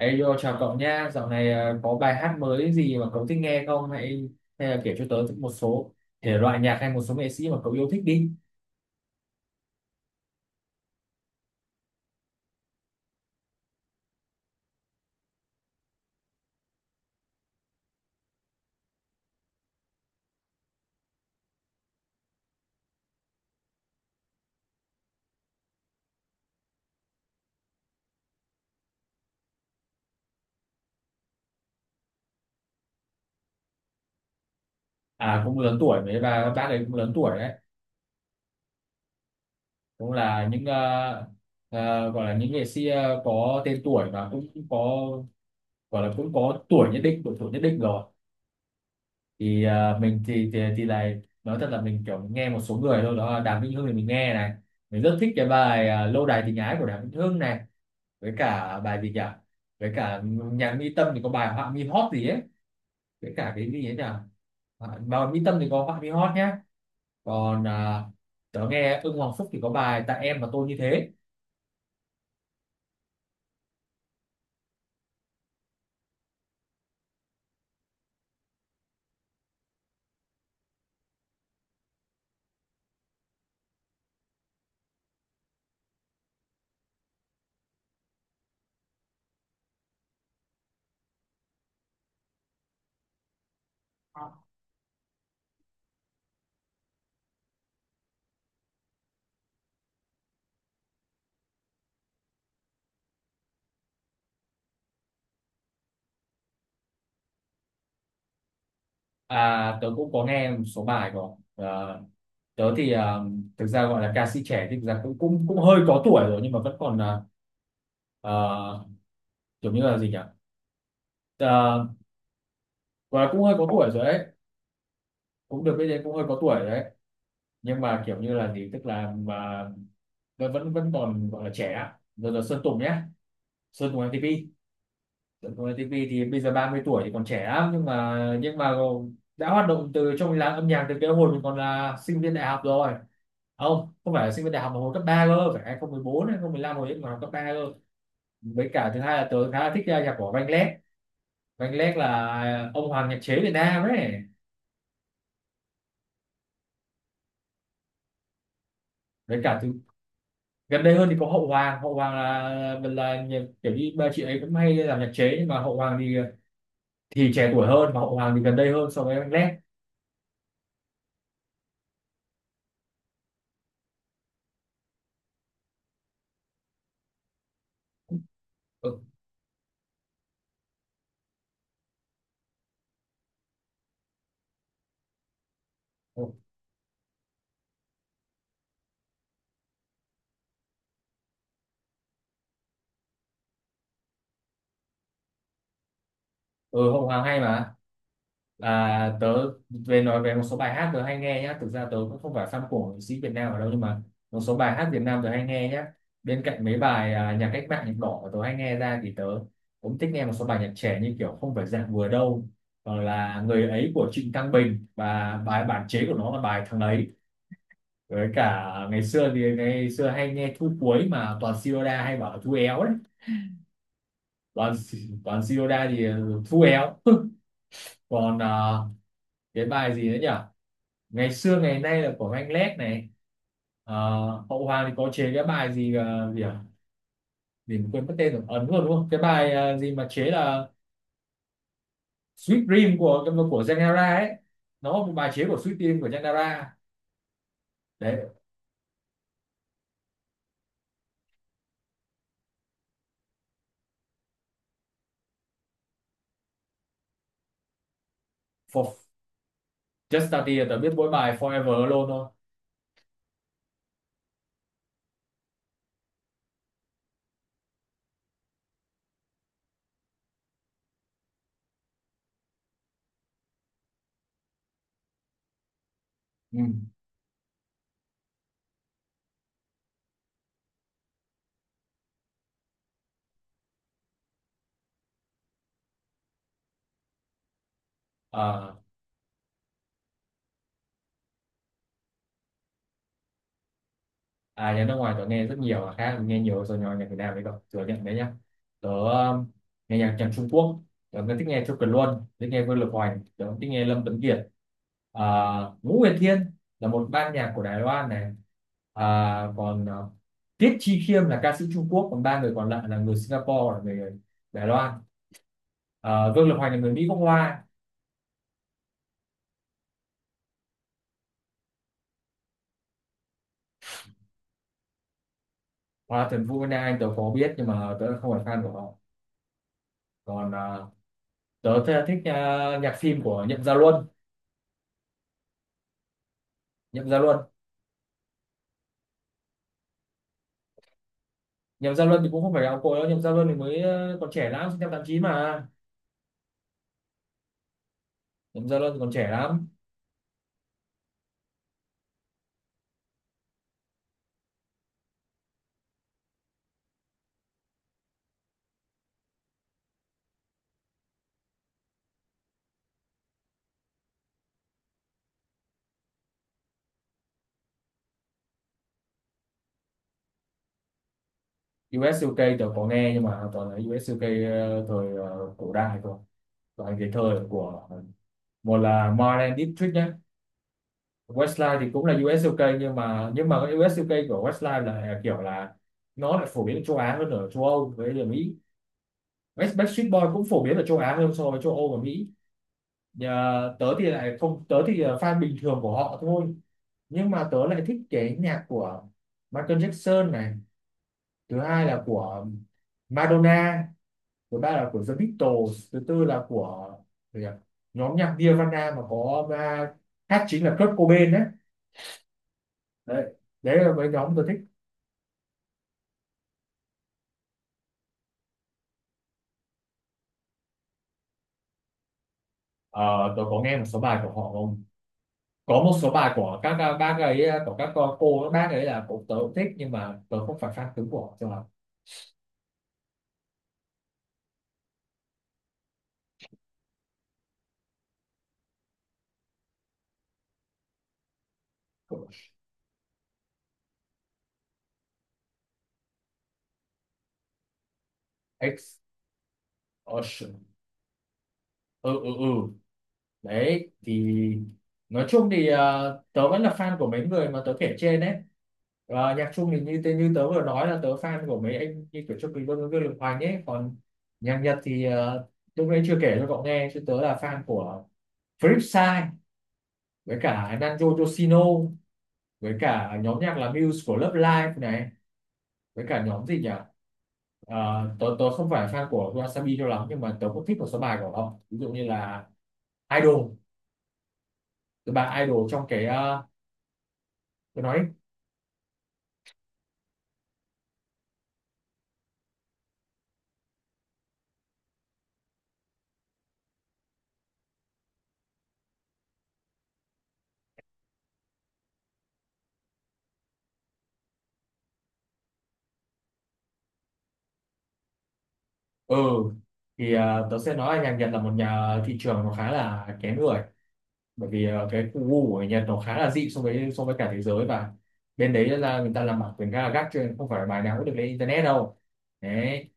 Ê, yo, chào cậu nhá. Dạo này có bài hát mới gì mà cậu thích nghe không? Hay hay là kể cho tớ một số thể loại nhạc hay một số nghệ sĩ mà cậu yêu thích đi. À, cũng lớn tuổi mấy và bác ấy cũng lớn tuổi đấy. Cũng là những gọi là những nghệ sĩ có tên tuổi và cũng có gọi là cũng có tuổi nhất định, độ tuổi nhất định rồi. Mình thì này, nói thật là mình kiểu nghe một số người thôi, đó là Đàm Vĩnh Hưng thì mình nghe này. Mình rất thích cái bài Lâu đài tình ái của Đàm Vĩnh Hưng này, với cả bài gì nhỉ, với cả nhà Mỹ Tâm thì có bài Họa mi hót gì ấy, với cả cái gì ấy nhỉ. Bài Mỹ Tâm thì có Họa mi hót nhá. Còn tớ nghe Ưng Hoàng Phúc thì có bài Tại em và Tôi như thế. À, tớ cũng có nghe một số bài của tớ thì thực ra gọi là ca sĩ trẻ thì thực ra cũng cũng cũng hơi có tuổi rồi, nhưng mà vẫn còn à, kiểu như là gì nhỉ, à, gọi là cũng hơi có tuổi rồi đấy, cũng được biết đến, cũng hơi có tuổi rồi đấy. Nhưng mà kiểu như là gì, tức là mà nó vẫn vẫn còn gọi là trẻ rồi, là Sơn Tùng nhé. Sơn Tùng MTP. Sơn Tùng MTP thì bây giờ 30 tuổi thì còn trẻ lắm, nhưng mà đã hoạt động từ trong làng âm nhạc từ cái hồi mình còn là sinh viên đại học rồi. Không, không phải là sinh viên đại học mà hồi cấp 3 cơ, phải 2014, 2015, hồi ấy còn học cấp 3 cơ. Với cả thứ hai là tớ khá là thích nhạc của Vanillec. Vanillec là ông hoàng nhạc chế Việt Nam ấy. Với cả thứ gần đây hơn thì có Hậu Hoàng. Hậu Hoàng là kiểu như ba chị ấy cũng hay làm nhạc chế, nhưng mà Hậu Hoàng thì trẻ tuổi hơn. Mà Hậu Hoàng thì gần đây hơn so với anh Lét. Ừ, ừ, ừ, Hậu Hoàng hay mà. Tớ về nói về một số bài hát tớ hay nghe nhá. Thực ra tớ cũng không phải fan của nghệ sĩ Việt Nam ở đâu, nhưng mà một số bài hát Việt Nam tớ hay nghe nhá. Bên cạnh mấy bài nhạc cách mạng, nhạc đỏ mà tớ hay nghe ra thì tớ cũng thích nghe một số bài nhạc trẻ như kiểu Không phải dạng vừa đâu, hoặc là Người ấy của Trịnh Thăng Bình và bài bản chế của nó là bài Thằng ấy. Với cả ngày xưa thì ngày xưa hay nghe Thu cuối, mà toàn Sirona hay bảo là Thu éo đấy. Còn còn Shinoda thì Thu éo. Còn cái bài gì nữa nhỉ, Ngày xưa ngày nay là của anh Lét này. Ờ, Hậu Hoàng thì có chế cái bài gì gì à, gì mà quên mất tên rồi, ấn luôn đúng không, cái bài gì mà chế là Sweet Dream của Genera ấy, nó một bài chế của Sweet Dream của Genera đấy. For Just Started tớ biết mỗi bài Forever Alone thôi. Ừ. À. À, nhạc nước ngoài tớ nghe rất nhiều, khác nghe nhiều rồi nhỏ nhạc Việt Nam đấy, cậu thừa nhận đấy nhá. Tớ nghe nhạc nhạc Trung Quốc, tớ cũng thích nghe Châu Kiệt Luân, thích nghe Vương Lực Hoành, tớ cũng thích nghe Lâm Tuấn Kiệt, à, Ngũ Huyền Thiên là một ban nhạc của Đài Loan này. à, còn Tiết Chi Khiêm là ca sĩ Trung Quốc, còn ba người còn lại là người Singapore, là người Đài Loan. Vương Lực Hoành là người Mỹ gốc Hoa. Hoặc là Trần Vũ Vân Anh tớ có biết nhưng mà tớ không phải fan của họ. Còn tớ thích nhạc phim của Nhậm Gia Luân. Nhậm Gia Luân. Nhậm Gia Luân thì cũng không phải gạo cội đâu. Nhậm Gia Luân thì mới còn trẻ lắm, sinh năm 89 mà. Nhậm Gia Luân thì còn trẻ lắm. US UK tớ có nghe, nhưng mà toàn là US UK thời cổ đại thôi, toàn cái thời của, một là Marlene Dietrich nhé. Westlife thì cũng là US UK, nhưng mà cái US UK của Westlife là kiểu là nó lại phổ biến ở châu Á hơn ở châu Âu với ở Mỹ. West Backstreet Boy cũng phổ biến ở châu Á hơn so với châu Âu và Mỹ. Nhà, tớ thì lại không, tớ thì là fan bình thường của họ thôi. Nhưng mà tớ lại thích cái nhạc của Michael Jackson này, thứ hai là của Madonna, thứ ba là của The Beatles, thứ tư là của gì nhỉ? Nhóm nhạc Nirvana mà có hát chính là Kurt Cobain đấy. Đấy, đấy là cái nhóm tôi thích. Ờ, tôi có nghe một số bài của họ không, có một số bài của các bác ấy, của các các bác ấy là cũng, tớ cũng thích nhưng mà tớ không phải fan cứng của họ cho lắm. Của X, Ocean. Ừ, ừ, ừ, đấy thì nói chung thì tớ vẫn là fan của mấy người mà tớ kể trên đấy. Ờ, nhạc Trung thì như tớ vừa nói là tớ fan của mấy anh như kiểu Châu Quỳ Vương, Vương Lực hoàng ấy. Còn nhạc Nhật thì lúc nãy chưa kể cho cậu nghe chứ, tớ là fan của Flipside, với cả Nanjo Yoshino, với cả nhóm nhạc là Muse của Love Live này, với cả nhóm gì nhỉ. Ờ, tớ tớ không phải fan của Wasabi cho lắm, nhưng mà tớ cũng thích một số bài của họ, ví dụ như là Idol. Cái bài Idol trong cái tớ nói. Ừ, thì tớ sẽ nói là nhạc Nhật là một nhà thị trường nó khá là kén người, bởi vì cái khu gu của Nhật nó khá là dị so với cả thế giới. Và bên đấy là người ta làm bản quyền khá là gắt, cho nên không phải bài nào cũng được lên internet đâu đấy.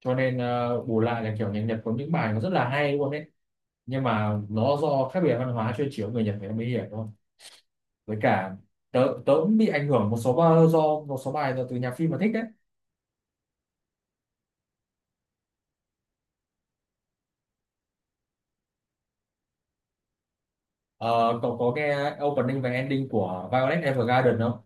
Cho nên bù lại là kiểu nhạc Nhật có những bài nó rất là hay luôn đấy. Nhưng mà nó do khác biệt văn hóa, chơi chiếu người Nhật người ta mới hiểu thôi. Với cả tớ tớ cũng bị ảnh hưởng một số do một số bài, do từ nhạc phim mà thích đấy. Ờ, cậu có nghe opening và ending của Violet Evergarden không?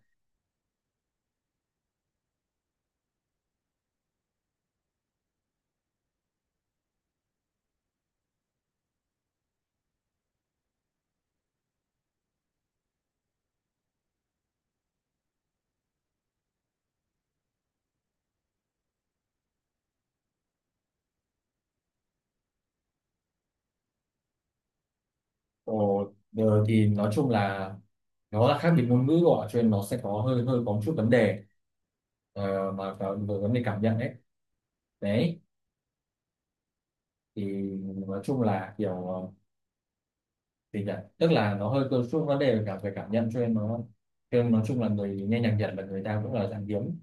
Ồ, giờ thì nói chung là nó là khác biệt ngôn ngữ rồi, cho nên nó sẽ có hơi hơi có một chút vấn đề, mà về vấn đề cảm nhận đấy. Đấy thì nói chung là kiểu gì nhỉ, tức là nó hơi có chút vấn đề về cả về cảm nhận, cho nên nói chung là người nghe nhạc Nhật là người ta cũng là dạng hiếm.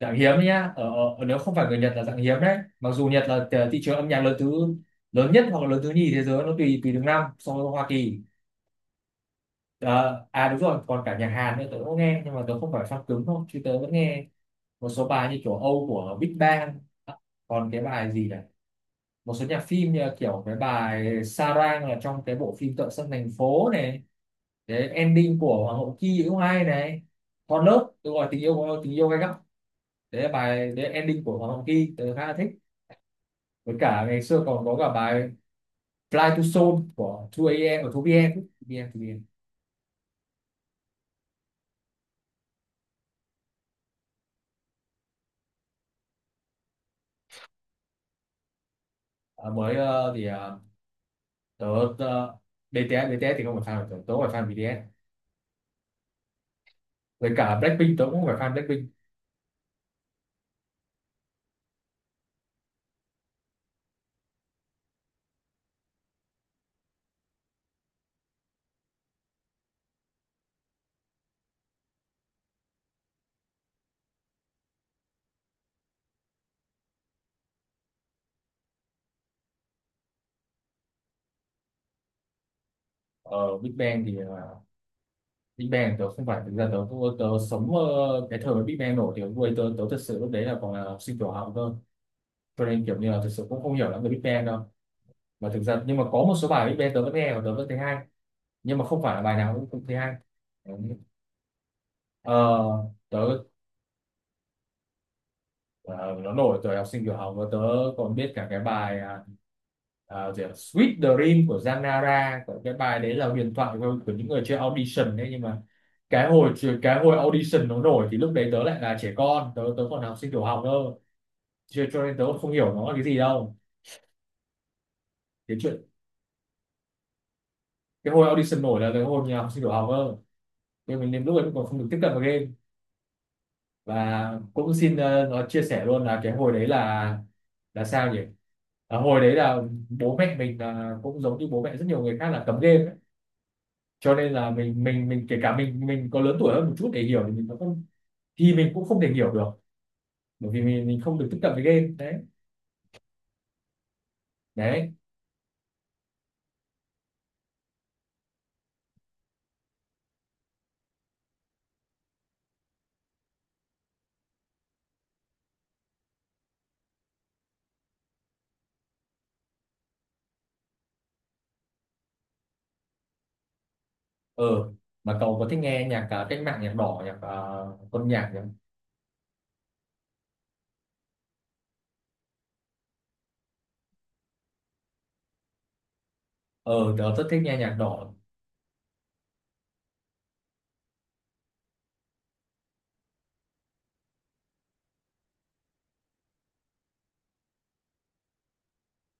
Dạng hiếm đấy nhá, nếu không phải người Nhật là dạng hiếm đấy, mặc dù Nhật là thị trường âm nhạc lớn nhất hoặc là lớn thứ nhì thế giới, nó tùy tùy từng năm so với Hoa Kỳ. Ờ, à đúng rồi, còn cả nhạc Hàn nữa tớ cũng nghe, nhưng mà tớ không phải fan cứng thôi, chứ tớ vẫn nghe một số bài như kiểu Âu của Big Bang. À, còn cái bài gì này, một số nhạc phim như là kiểu cái bài Sarang là trong cái bộ phim Tợ Sân Thành Phố này, cái ending của Hoàng hậu Ki cũng hay này. Con lớp tôi gọi tình yêu của tình yêu gay gắt, đấy là bài, đấy là ending của Hoàng hậu Ki tớ khá là thích. Với cả ngày xưa còn có cả bài Fly to Seoul của hai A am của 2PM, Em pm 2PM. Mới thì tớ BTS. BTS thì không phải fan của tớ, tớ phải fan BTS, với cả Blackpink tớ cũng phải fan Blackpink. Ờ, Big Bang thì Big Bang tớ không phải, thực ra tớ tớ sống cái thời mà Big Bang nổi thì lúc ấy tớ tớ thực sự lúc đấy là còn là học sinh tiểu học cơ, cho nên kiểu như là thực sự cũng không hiểu lắm về Big Bang đâu. Mà thực ra nhưng mà có một số bài Big Bang tớ vẫn nghe và tớ vẫn thấy hay, nhưng mà không phải là bài nào cũng cũng thấy hay. Đấy. ờ, tớ Ờ, nó nổi thời học sinh tiểu học và còn biết cả cái bài gì ạ? Sweet Dream của Zanara. Còn cái bài đấy là huyền thoại của những người chơi audition đấy, nhưng mà cái hồi cái hồi audition nó nổi thì lúc đấy tớ lại là trẻ con, tớ tớ còn là học sinh tiểu học cơ, cho nên tớ còn không hiểu nó là cái gì đâu. cái chuyện cái hồi audition nổi là cái hồi nhà học sinh tiểu học cơ, nhưng mình đến lúc ấy cũng còn không được tiếp cận vào game. Và cũng xin nó chia sẻ luôn là cái hồi đấy là sao nhỉ Ờ, hồi đấy là bố mẹ mình là cũng giống như bố mẹ rất nhiều người khác là cấm game ấy. Cho nên là mình kể cả mình có lớn tuổi hơn một chút để hiểu thì mình cũng không thể hiểu được, bởi vì mình không được tiếp cận với game đấy. Đấy. Ờ, mà cậu có thích nghe nhạc cách mạng, nhạc đỏ, nhạc quân nhạc nhỉ? Ờ, tớ rất thích nghe nhạc đỏ.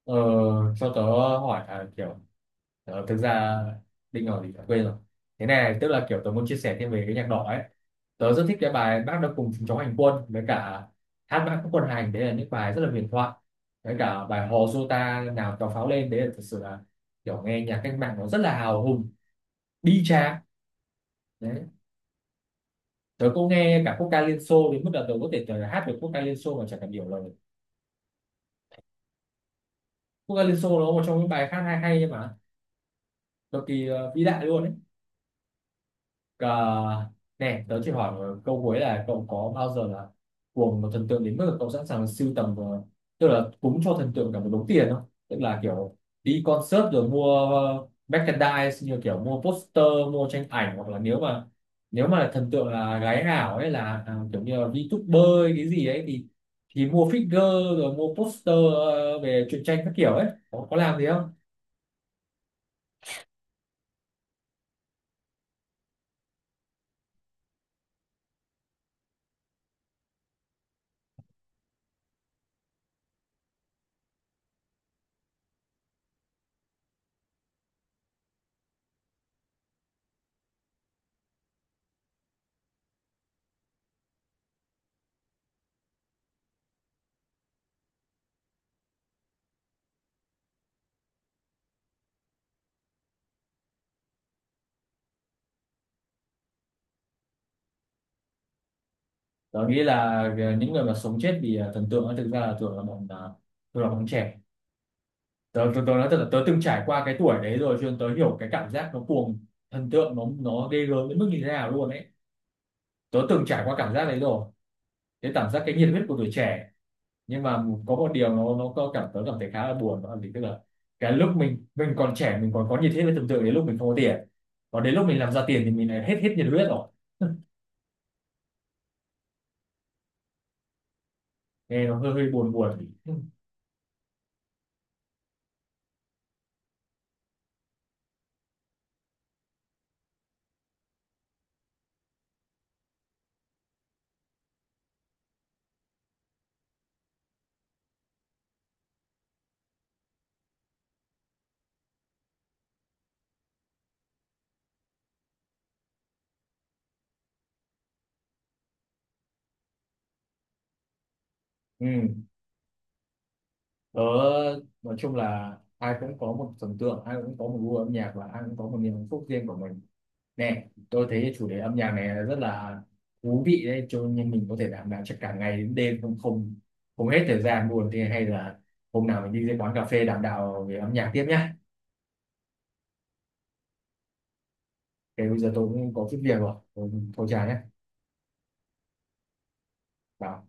Ờ, cho tớ hỏi là kiểu Ờ, thực ra Đinh rồi thì quên rồi thế này, tức là kiểu tớ muốn chia sẻ thêm về cái nhạc đỏ ấy. Tớ rất thích cái bài Bác Đã Cùng Chúng Cháu Hành Quân, với cả Hát Mãi Các Quân Hành, đấy là những bài rất là huyền thoại. Với cả bài Hò Dô Ta Nào Tàu Pháo Lên, đấy là thật sự là kiểu nghe nhạc cách mạng nó rất là hào hùng, bi tráng. Đấy. Tớ cũng nghe cả quốc ca Liên Xô, đến mức là tớ có thể, tớ hát được quốc ca Liên Xô mà chẳng cần hiểu lời. Quốc ca Liên Xô nó là một trong những bài hát hay hay mà cực kỳ vĩ đại luôn ấy. Ờ, nè tớ chỉ hỏi câu cuối là cậu có bao giờ là cuồng một thần tượng đến mức là cậu sẵn sàng sưu tầm và- tức là cúng cho thần tượng cả một đống tiền không? Tức là kiểu đi concert rồi mua merchandise, như kiểu mua poster, mua tranh ảnh, hoặc là nếu mà thần tượng là gái ảo ấy, là à, kiểu như là VTuber ấy, cái gì ấy, thì mua figure rồi mua poster, về truyện tranh các kiểu ấy, có làm gì không? Tớ nghĩ là những người mà sống chết vì thần tượng ấy, thực ra là thường là bọn trẻ. Tớ tớ tớ nói thật là tớ từng trải qua cái tuổi đấy rồi, cho nên tớ hiểu cái cảm giác nó cuồng thần tượng nó ghê gớm đến mức như thế nào luôn ấy. Tớ từng trải qua cảm giác đấy rồi, cái cảm giác, cái nhiệt huyết của tuổi trẻ. Nhưng mà có một điều nó có cảm tớ cảm thấy khá là buồn, đó là gì, tức là cái lúc mình còn trẻ, mình còn có nhiệt huyết với thần tượng đến lúc mình không có tiền, còn đến lúc mình làm ra tiền thì mình lại hết hết nhiệt huyết rồi. Nghe nó hơi hơi buồn buồn. Ừ. Tớ nói chung là ai cũng có một thần tượng, ai cũng có một gu âm nhạc và ai cũng có một niềm hạnh phúc riêng của mình. Nè, tôi thấy chủ đề âm nhạc này là rất là thú vị đấy, cho nên mình có thể đảm bảo cho cả ngày đến đêm không không không hết thời gian buồn thế, hay là hôm nào mình đi ra quán cà phê đảm đạo về âm nhạc tiếp nhá. Thế bây giờ tôi cũng có chút việc rồi, thôi chào nhé. Bảo.